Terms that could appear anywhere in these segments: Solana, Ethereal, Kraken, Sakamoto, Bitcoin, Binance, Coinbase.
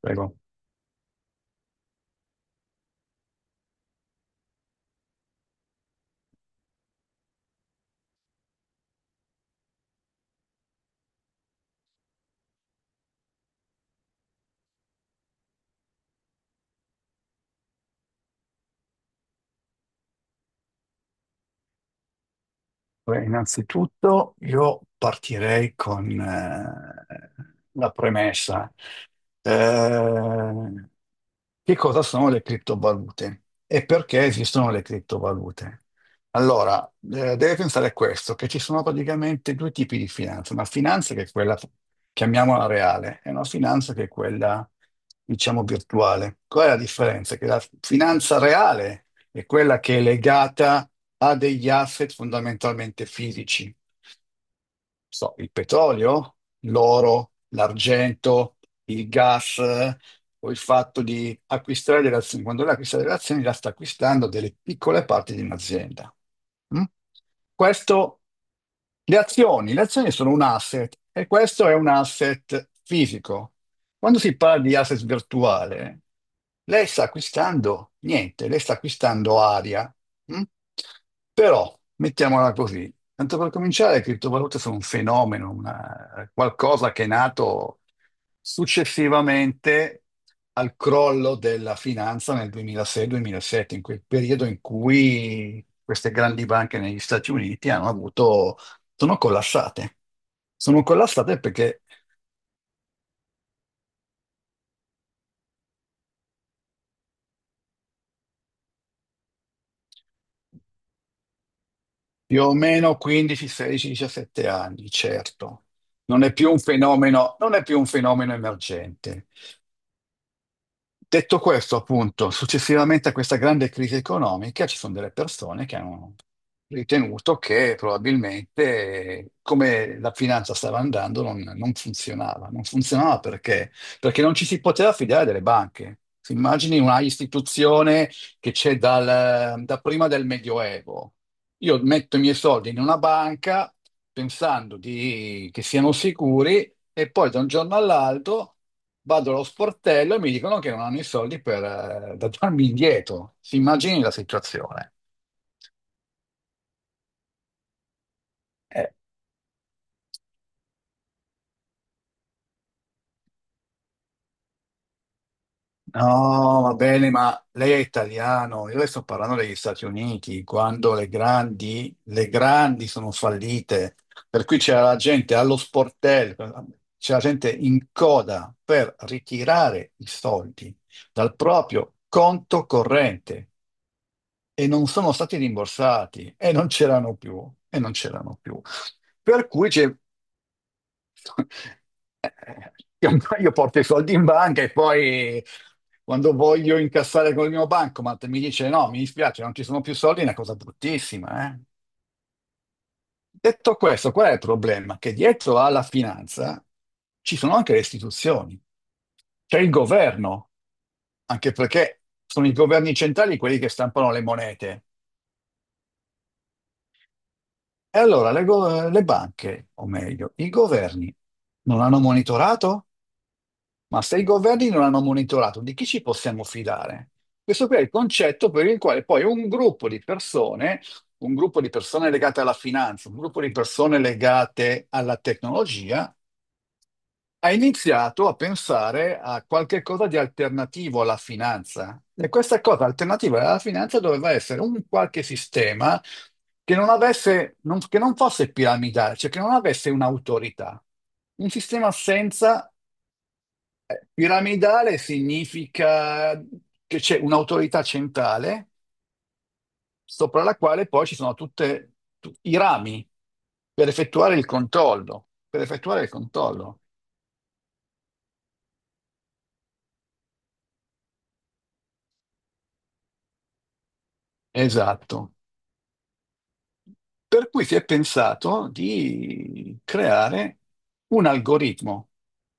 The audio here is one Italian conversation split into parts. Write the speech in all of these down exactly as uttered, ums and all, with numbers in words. Prego. Beh, innanzitutto io partirei con eh, la premessa. Eh, che cosa sono le criptovalute e perché esistono le criptovalute? Allora, eh, deve pensare a questo, che ci sono praticamente due tipi di finanza, una finanza che è quella, chiamiamola reale, e una finanza che è quella, diciamo, virtuale. Qual è la differenza? Che la finanza reale è quella che è legata a degli asset fondamentalmente fisici so, il petrolio, l'oro, l'argento, il gas, eh, o il fatto di acquistare delle azioni. Quando lei acquista delle azioni, la sta acquistando delle piccole parti di un'azienda. Mm? Questo, le azioni, le azioni sono un asset e questo è un asset fisico. Quando si parla di asset virtuale, lei sta acquistando niente, lei sta acquistando aria. Mm? Però, mettiamola così, tanto per cominciare, le criptovalute sono un fenomeno, una- qualcosa che è nato successivamente al crollo della finanza nel duemilasei-duemilasette, in quel periodo in cui queste grandi banche negli Stati Uniti hanno avuto, sono collassate. Sono collassate perché più o meno quindici, sedici, diciassette anni, certo. Non è più un fenomeno, non è più un fenomeno emergente. Detto questo, appunto, successivamente a questa grande crisi economica ci sono delle persone che hanno ritenuto che probabilmente eh, come la finanza stava andando non, non funzionava. Non funzionava perché? Perché non ci si poteva fidare delle banche. Si immagini una istituzione che c'è dal- da prima del Medioevo. Io metto i miei soldi in una banca pensando di- che siano sicuri e poi da un giorno all'altro vado allo sportello e mi dicono che non hanno i soldi per eh, da darmi indietro. Si immagini la situazione. Eh, no, va bene, ma lei è italiano. Io le sto parlando degli Stati Uniti, quando le grandi, le grandi sono fallite. Per cui c'era la gente allo sportello, c'era gente in coda per ritirare i soldi dal proprio conto corrente. E non sono stati rimborsati e non c'erano più, e non c'erano più. Per cui c'è- io io porto i soldi in banca e poi quando voglio incassare con il mio bancomat mi dice no, mi dispiace, non ci sono più soldi, è una cosa bruttissima, eh. Detto questo, qual è il problema? Che dietro alla finanza ci sono anche le istituzioni, c'è il governo, anche perché sono i governi centrali quelli che stampano le monete. E allora le, go- le banche, o meglio, i governi non hanno monitorato? Ma se i governi non hanno monitorato, di chi ci possiamo fidare? Questo qui è il concetto per il quale poi un gruppo di persone, un gruppo di persone legate alla finanza, un gruppo di persone legate alla tecnologia, ha iniziato a pensare a qualche cosa di alternativo alla finanza. E questa cosa alternativa alla finanza doveva essere un qualche sistema che non avesse, non- che non fosse piramidale, cioè che non avesse un'autorità. Un sistema senza. Piramidale significa che c'è un'autorità centrale sopra la quale poi ci sono tutti i rami per effettuare il controllo. Per effettuare il controllo. Esatto. Per cui si è pensato di creare un algoritmo,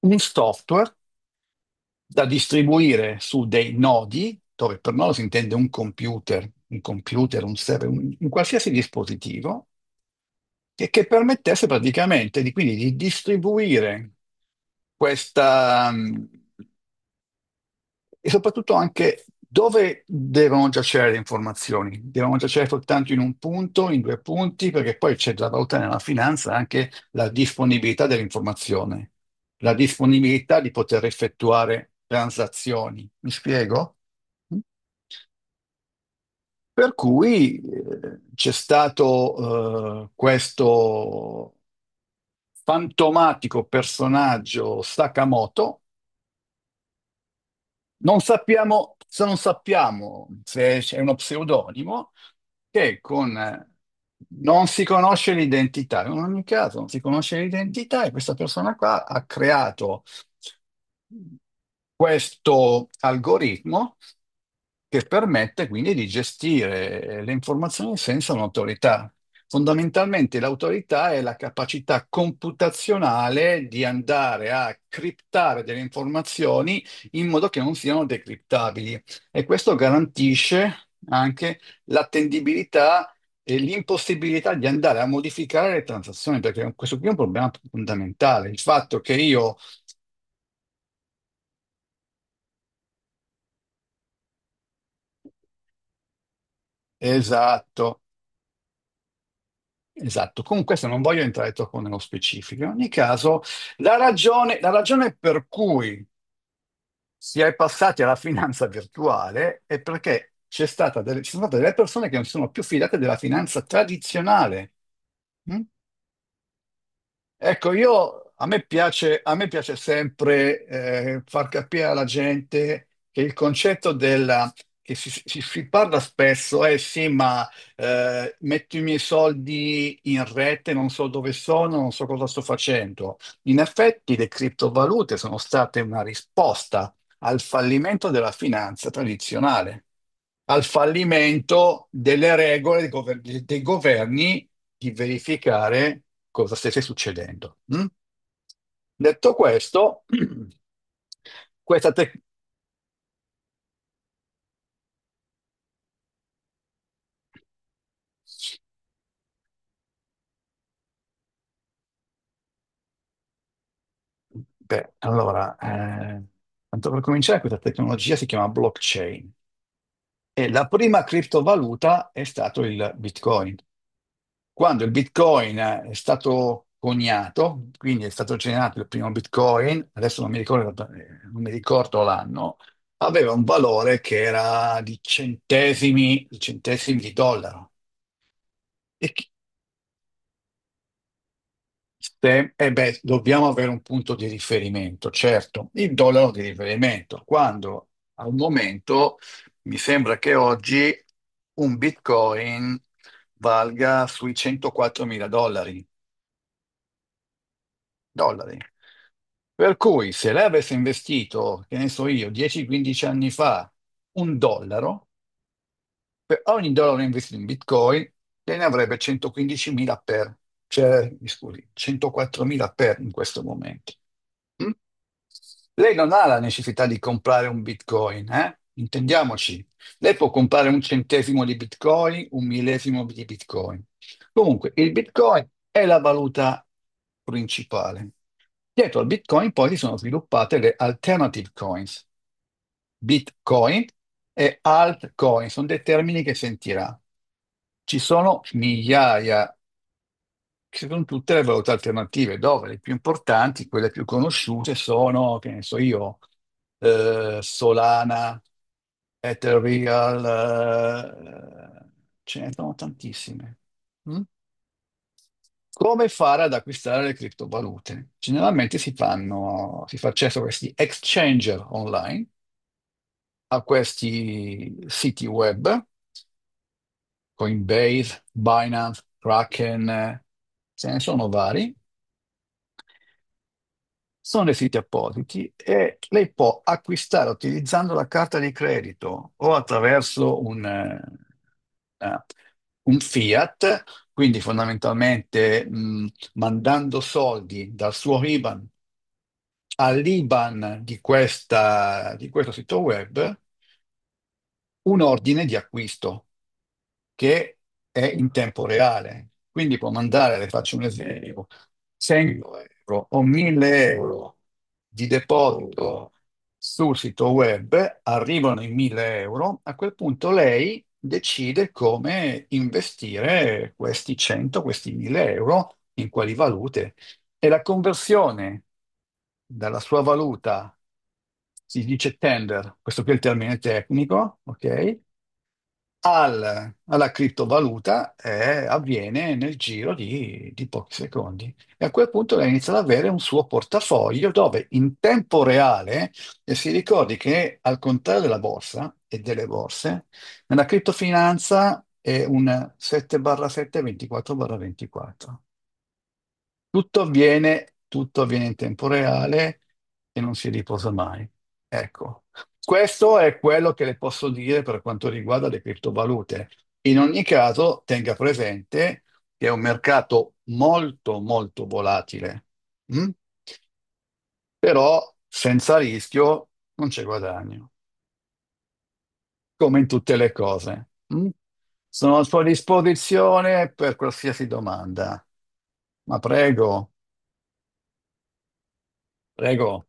un software da distribuire su dei nodi, dove per nodo si intende un computer, un computer, un server, un, un qualsiasi dispositivo, e che permettesse praticamente di, quindi, di distribuire questa, mh, e soprattutto anche dove devono giacere le informazioni? Devono giacere soltanto in un punto, in due punti, perché poi c'è da valutare nella finanza anche la disponibilità dell'informazione, la disponibilità di poter effettuare transazioni. Mi spiego? Per cui eh, c'è stato eh, questo fantomatico personaggio Sakamoto. Non sappiamo, se non sappiamo se è uno pseudonimo che con... eh, non si conosce l'identità, in ogni caso non si conosce l'identità e questa persona qua ha creato questo algoritmo che permette quindi di gestire eh, le informazioni senza un'autorità. Fondamentalmente l'autorità è la capacità computazionale di andare a criptare delle informazioni in modo che non siano decriptabili, e questo garantisce anche l'attendibilità e l'impossibilità di andare a modificare le transazioni, perché questo qui è un problema fondamentale, il fatto che io. Esatto. Esatto, con questo non voglio entrare troppo nello specifico. In ogni caso, la ragione, la ragione per cui si è passati alla finanza virtuale è perché c'è stata delle- ci sono state delle persone che non si sono più fidate della finanza tradizionale. Mm? Ecco, io, a me piace, a me piace sempre eh, far capire alla gente che il concetto della, che si, si- si parla spesso, eh sì, ma eh, metto i miei soldi in rete, non so dove sono, non so cosa sto facendo. In effetti le criptovalute sono state una risposta al fallimento della finanza tradizionale, al fallimento delle regole dei gover- dei governi di verificare cosa stesse succedendo. Mm? Detto questo, questa tec- beh, allora, eh, tanto per cominciare, questa tecnologia si chiama blockchain e la prima criptovaluta è stato il Bitcoin. Quando il Bitcoin è stato coniato, quindi è stato generato il primo Bitcoin, adesso non mi ricordo, eh, non mi ricordo l'anno, aveva un valore che era di centesimi, di centesimi, di dollaro. E chi- se- eh beh, dobbiamo avere un punto di riferimento, certo, il dollaro di riferimento, quando al momento mi sembra che oggi un Bitcoin valga sui centoquattro mila dollari. dollari. Per cui se lei avesse investito, che ne so io, dieci o quindici anni fa, un dollaro, per ogni dollaro investito in Bitcoin, te ne avrebbe centoquindicimila per, cioè, mi scusi, centoquattromila per in questo momento. Mm? Lei non ha la necessità di comprare un Bitcoin, eh? Intendiamoci. Lei può comprare un centesimo di Bitcoin, un millesimo di Bitcoin. Comunque, il Bitcoin è la valuta principale. Dietro al Bitcoin poi si sono sviluppate le alternative coins. Bitcoin e altcoin sono dei termini che sentirà. Ci sono migliaia, che sono tutte le valute alternative, dove le più importanti, quelle più conosciute sono, che ne so io, eh, Solana, Ethereal, eh, ce ne sono tantissime. Mm? Come fare ad acquistare le criptovalute? Generalmente si fanno, si fa accesso a questi exchanger online, a questi siti web Coinbase, Binance, Kraken, eh, ce ne sono vari. Sono dei siti appositi e lei può acquistare utilizzando la carta di credito o attraverso un, eh, eh, un fiat, quindi fondamentalmente mh, mandando soldi dal suo IBAN all'IBAN di questa- di questo sito web, un ordine di acquisto che è in tempo reale. Quindi può mandare, le faccio un esempio, cento euro o mille euro di deposito sul sito web, arrivano i mille euro, a quel punto lei decide come investire questi cento, questi mille euro in quali valute. E la conversione dalla sua valuta si dice tender, questo qui è il termine tecnico, ok? Al- alla criptovaluta eh, avviene nel giro di, di pochi secondi. E a quel punto lei inizia ad avere un suo portafoglio dove in tempo reale, e si ricordi che al contrario della borsa e delle borse, nella criptofinanza è un sette su sette, ventiquattro su ventiquattro. Tutto avviene, tutto avviene in tempo reale e non si riposa mai. Ecco, questo è quello che le posso dire per quanto riguarda le criptovalute. In ogni caso, tenga presente che è un mercato molto, molto volatile. Mm? Però senza rischio non c'è guadagno, come in tutte le cose. Mm? Sono a sua disposizione per qualsiasi domanda, ma prego, prego.